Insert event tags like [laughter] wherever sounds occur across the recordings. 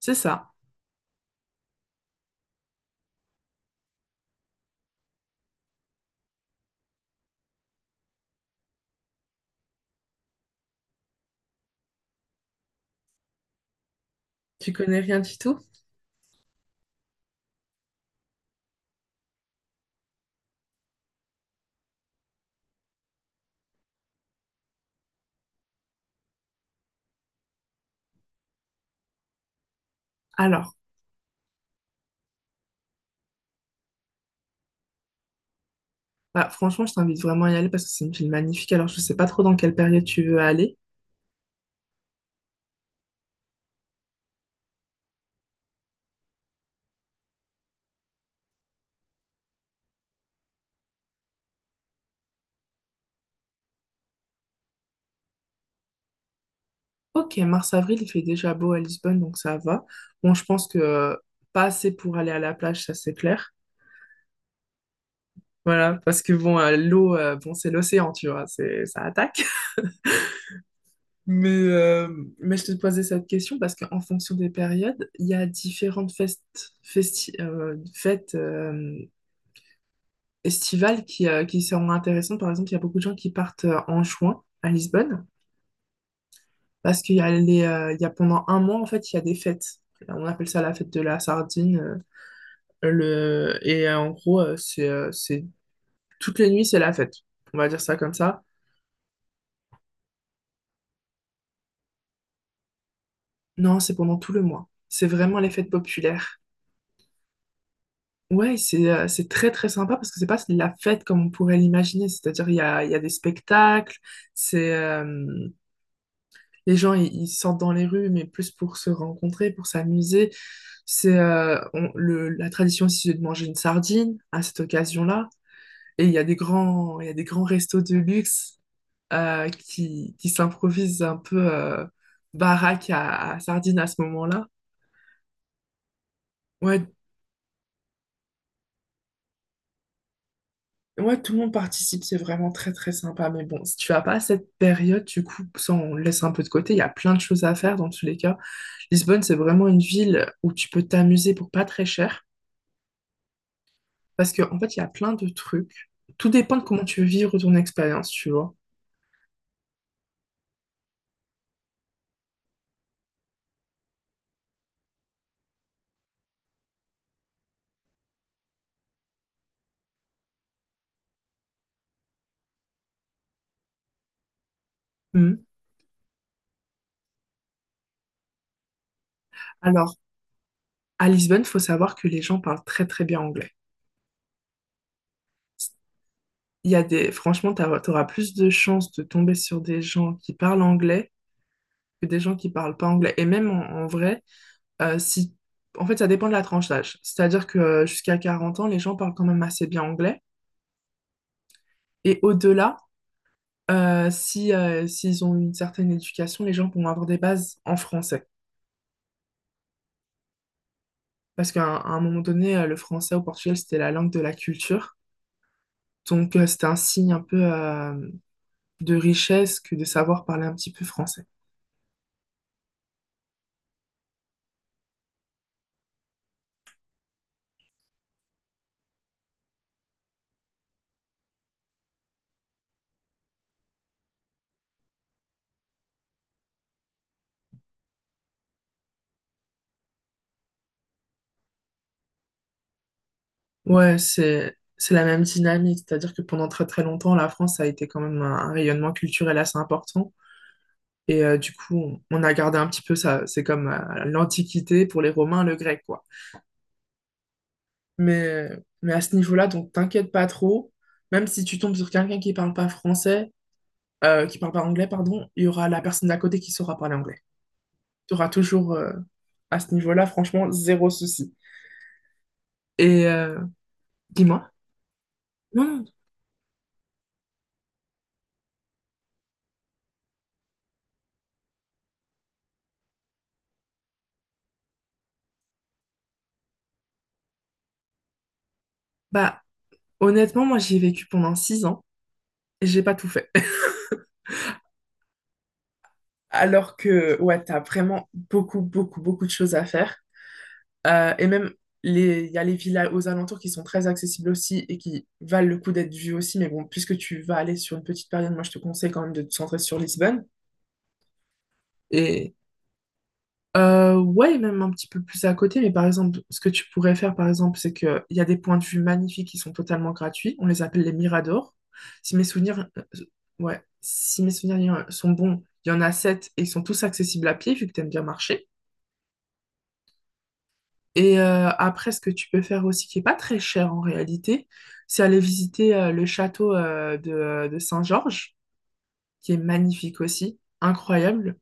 C'est ça. Tu connais rien du tout? Alors, bah, franchement, je t'invite vraiment à y aller parce que c'est une ville magnifique. Alors, je sais pas trop dans quelle période tu veux aller. Ok, mars-avril, il fait déjà beau à Lisbonne, donc ça va. Bon, je pense que pas assez pour aller à la plage, ça c'est clair. Voilà, parce que bon, l'eau, bon, c'est l'océan, tu vois, c'est, ça attaque. [laughs] Mais, euh, mais je te posais cette question parce qu'en fonction des périodes, il y a différentes fêtes estivales qui seront intéressantes. Par exemple, il y a beaucoup de gens qui partent en juin à Lisbonne parce qu'il y a pendant un mois, en fait, il y a des fêtes. On appelle ça la fête de la sardine. Et en gros, c'est toutes les nuits, c'est la fête. On va dire ça comme ça. Non, c'est pendant tout le mois. C'est vraiment les fêtes populaires. Ouais, c'est très très sympa parce que c'est pas de la fête comme on pourrait l'imaginer. C'est-à-dire, il y a des spectacles, c'est les gens, ils sortent dans les rues, mais plus pour se rencontrer, pour s'amuser. La tradition aussi de manger une sardine à cette occasion-là. Et il y a des grands restos de luxe qui s'improvisent un peu baraque à sardine à ce moment-là. Ouais, ouais, tout le monde participe, c'est vraiment très très sympa. Mais bon, si tu vas pas à cette période, du coup, ça on le laisse un peu de côté. Il y a plein de choses à faire dans tous les cas. Lisbonne, c'est vraiment une ville où tu peux t'amuser pour pas très cher. Parce que, en fait, il y a plein de trucs. Tout dépend de comment tu veux vivre ton expérience, tu vois. Mhm. Alors, à Lisbonne, faut savoir que les gens parlent très très bien anglais. Il y a des, franchement, tu auras plus de chances de tomber sur des gens qui parlent anglais que des gens qui parlent pas anglais. Et même en vrai, si... En fait, ça dépend de la tranche d'âge. C'est-à-dire que jusqu'à 40 ans, les gens parlent quand même assez bien anglais. Et au-delà, si, s'ils ont une certaine éducation, les gens vont avoir des bases en français. Parce qu'à un moment donné, le français au Portugal, c'était la langue de la culture. Donc, c'était un signe un peu de richesse que de savoir parler un petit peu français. Ouais, c'est la même dynamique. C'est-à-dire que pendant très très longtemps, la France a été quand même un rayonnement culturel assez important. Et du coup, on a gardé un petit peu ça. C'est comme l'Antiquité pour les Romains, le grec, quoi. Mais, mais à ce niveau-là, donc t'inquiète pas trop. Même si tu tombes sur quelqu'un qui parle pas français, qui parle pas anglais, pardon, il y aura la personne d'à côté qui saura parler anglais. Tu auras toujours, à ce niveau-là, franchement, zéro souci. Et euh, Dis-moi. Non, non. Bah, honnêtement, moi, j'y ai vécu pendant 6 ans et j'ai pas tout fait. [laughs] Alors que, ouais, t'as vraiment beaucoup, beaucoup, beaucoup de choses à faire. Et même, il y a les villas aux alentours qui sont très accessibles aussi et qui valent le coup d'être vues aussi. Mais bon, puisque tu vas aller sur une petite période, moi, je te conseille quand même de te centrer sur Lisbonne. Et ouais, même un petit peu plus à côté. Mais par exemple, ce que tu pourrais faire, par exemple, c'est qu'il y a des points de vue magnifiques qui sont totalement gratuits. On les appelle les miradors. Si mes souvenirs, ouais, si mes souvenirs sont bons, il y en a sept et ils sont tous accessibles à pied, vu que tu aimes bien marcher. Et après, ce que tu peux faire aussi, qui est pas très cher en réalité, c'est aller visiter le château de Saint-Georges, qui est magnifique aussi, incroyable.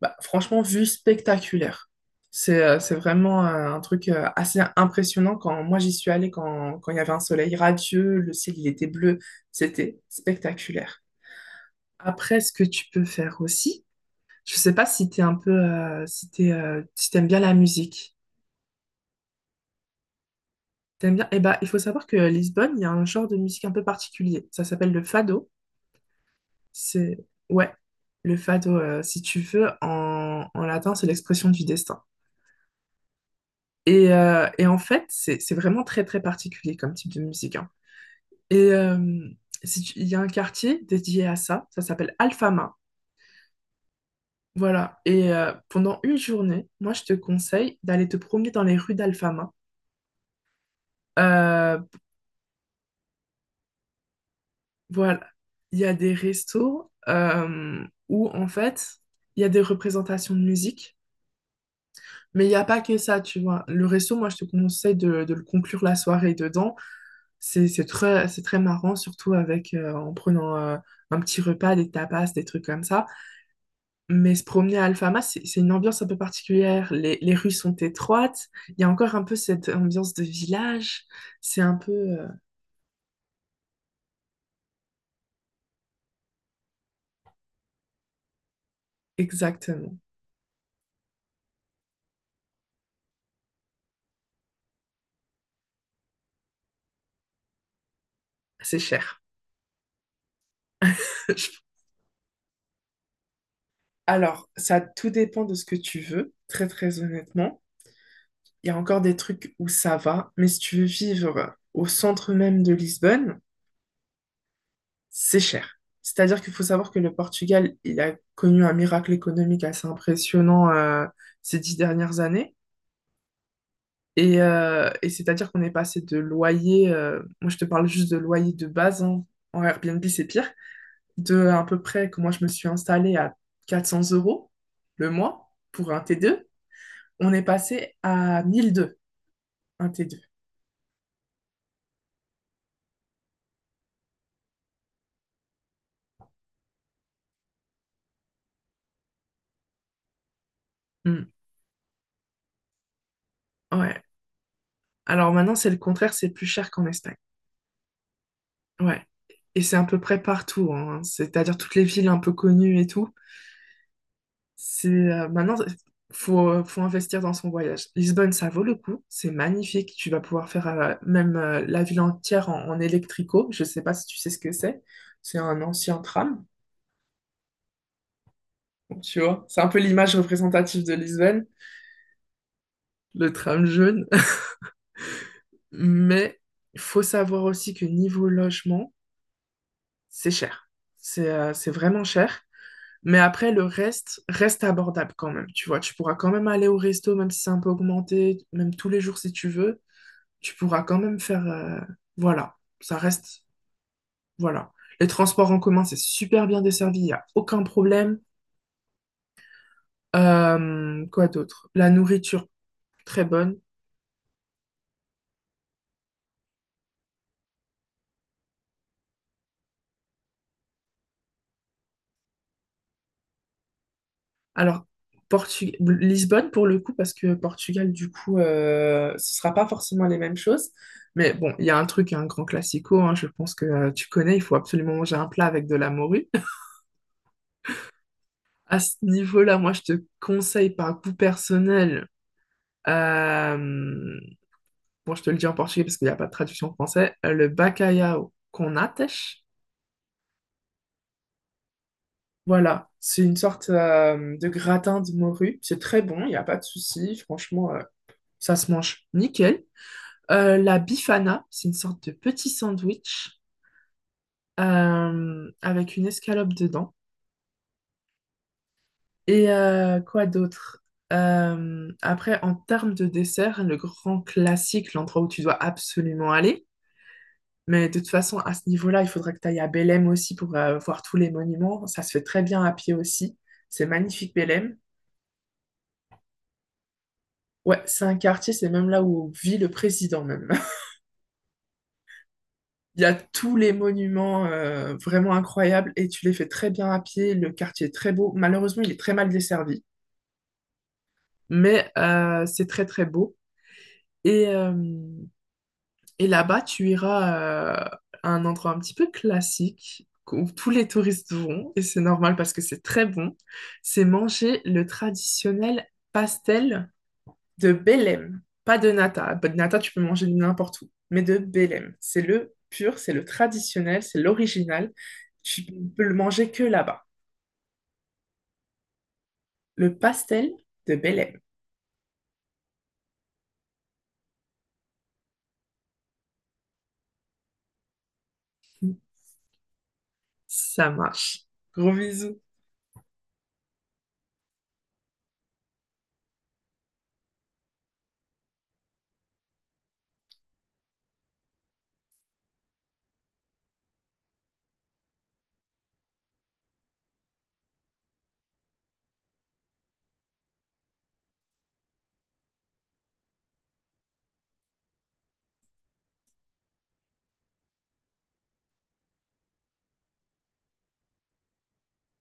Bah, franchement, vue spectaculaire. C'est vraiment un truc assez impressionnant. Quand moi j'y suis allée, quand il y avait un soleil radieux, le ciel il était bleu, c'était spectaculaire. Après, ce que tu peux faire aussi, je sais pas si t'es un peu, si t'es, si t'aimes bien la musique. T'aimes bien? Eh ben, il faut savoir que Lisbonne, il y a un genre de musique un peu particulier. Ça s'appelle le fado. C'est, ouais, le fado, si tu veux, en latin, c'est l'expression du destin. Et en fait, c'est vraiment très, très particulier comme type de musique, hein. Et si tu- Il y a un quartier dédié à ça, ça s'appelle Alfama. Voilà. Et pendant une journée, moi, je te conseille d'aller te promener dans les rues d'Alfama. Euh, Voilà, il y a des restos où en fait, il y a des représentations de musique, mais il n'y a pas que ça, tu vois. Le resto, moi, je te conseille de le conclure la soirée dedans. C'est très marrant, surtout en prenant un petit repas, des tapas, des trucs comme ça. Mais se promener à Alfama, c'est une ambiance un peu particulière. Les rues sont étroites, il y a encore un peu cette ambiance de village. C'est un peu... euh, Exactement, c'est cher. [laughs] Alors, ça tout dépend de ce que tu veux, très très honnêtement. Il y a encore des trucs où ça va, mais si tu veux vivre au centre même de Lisbonne, c'est cher. C'est-à-dire qu'il faut savoir que le Portugal, il a connu un miracle économique assez impressionnant ces 10 dernières années. Et c'est-à-dire qu'on est passé de loyer, moi je te parle juste de loyer de base, hein, en Airbnb c'est pire, de à peu près que moi je me suis installée à 400 euros le mois pour un T2. On est passé à 1002, un T2. Hmm. Ouais. Alors maintenant, c'est le contraire, c'est plus cher qu'en Espagne. Ouais. Et c'est à peu près partout, hein. C'est-à-dire toutes les villes un peu connues et tout. C'est Maintenant, faut investir dans son voyage. Lisbonne, ça vaut le coup. C'est magnifique. Tu vas pouvoir faire même la ville entière en, en électrico. Je sais pas si tu sais ce que c'est. C'est un ancien tram. Tu vois, c'est un peu l'image représentative de Lisbonne, le tram jaune. [laughs] Mais il faut savoir aussi que niveau logement, c'est cher. C'est vraiment cher. Mais après, le reste reste abordable quand même. Tu vois, tu pourras quand même aller au resto, même si c'est un peu augmenté, même tous les jours si tu veux. Tu pourras quand même faire, voilà, ça reste. Voilà. Les transports en commun, c'est super bien desservi, il n'y a aucun problème. Quoi d'autre? La nourriture, très bonne. Alors, Lisbonne pour le coup, parce que Portugal, du coup, ce sera pas forcément les mêmes choses. Mais bon, il y a un truc, un grand classico, hein, je pense que tu connais, il faut absolument manger un plat avec de la morue. À ce niveau-là, moi, je te conseille par goût personnel, euh, bon, je te le dis en portugais parce qu'il n'y a pas de traduction en français, le bacalhau com natas. Voilà, c'est une sorte de gratin de morue. C'est très bon, il n'y a pas de souci. Franchement, ça se mange nickel. La bifana, c'est une sorte de petit sandwich avec une escalope dedans. Et quoi d'autre? Après, en termes de dessert, le grand classique, l'endroit où tu dois absolument aller. Mais de toute façon, à ce niveau-là, il faudra que tu ailles à Belém aussi pour voir tous les monuments. Ça se fait très bien à pied aussi. C'est magnifique, Belém. Ouais, c'est un quartier, c'est même là où vit le président même. Il y a tous les monuments vraiment incroyables et tu les fais très bien à pied. Le quartier est très beau. Malheureusement, il est très mal desservi, mais c'est très très beau. Et, euh, et là-bas, tu iras à un endroit un petit peu classique où tous les touristes vont et c'est normal parce que c'est très bon. C'est manger le traditionnel pastel de Bélem, pas de nata. Bah, de nata, tu peux manger de n'importe où, mais de Bélem. C'est le pur, c'est le traditionnel, c'est l'original. Tu peux le manger que là-bas. Le pastel de Bélem. Ça marche. Gros bisous.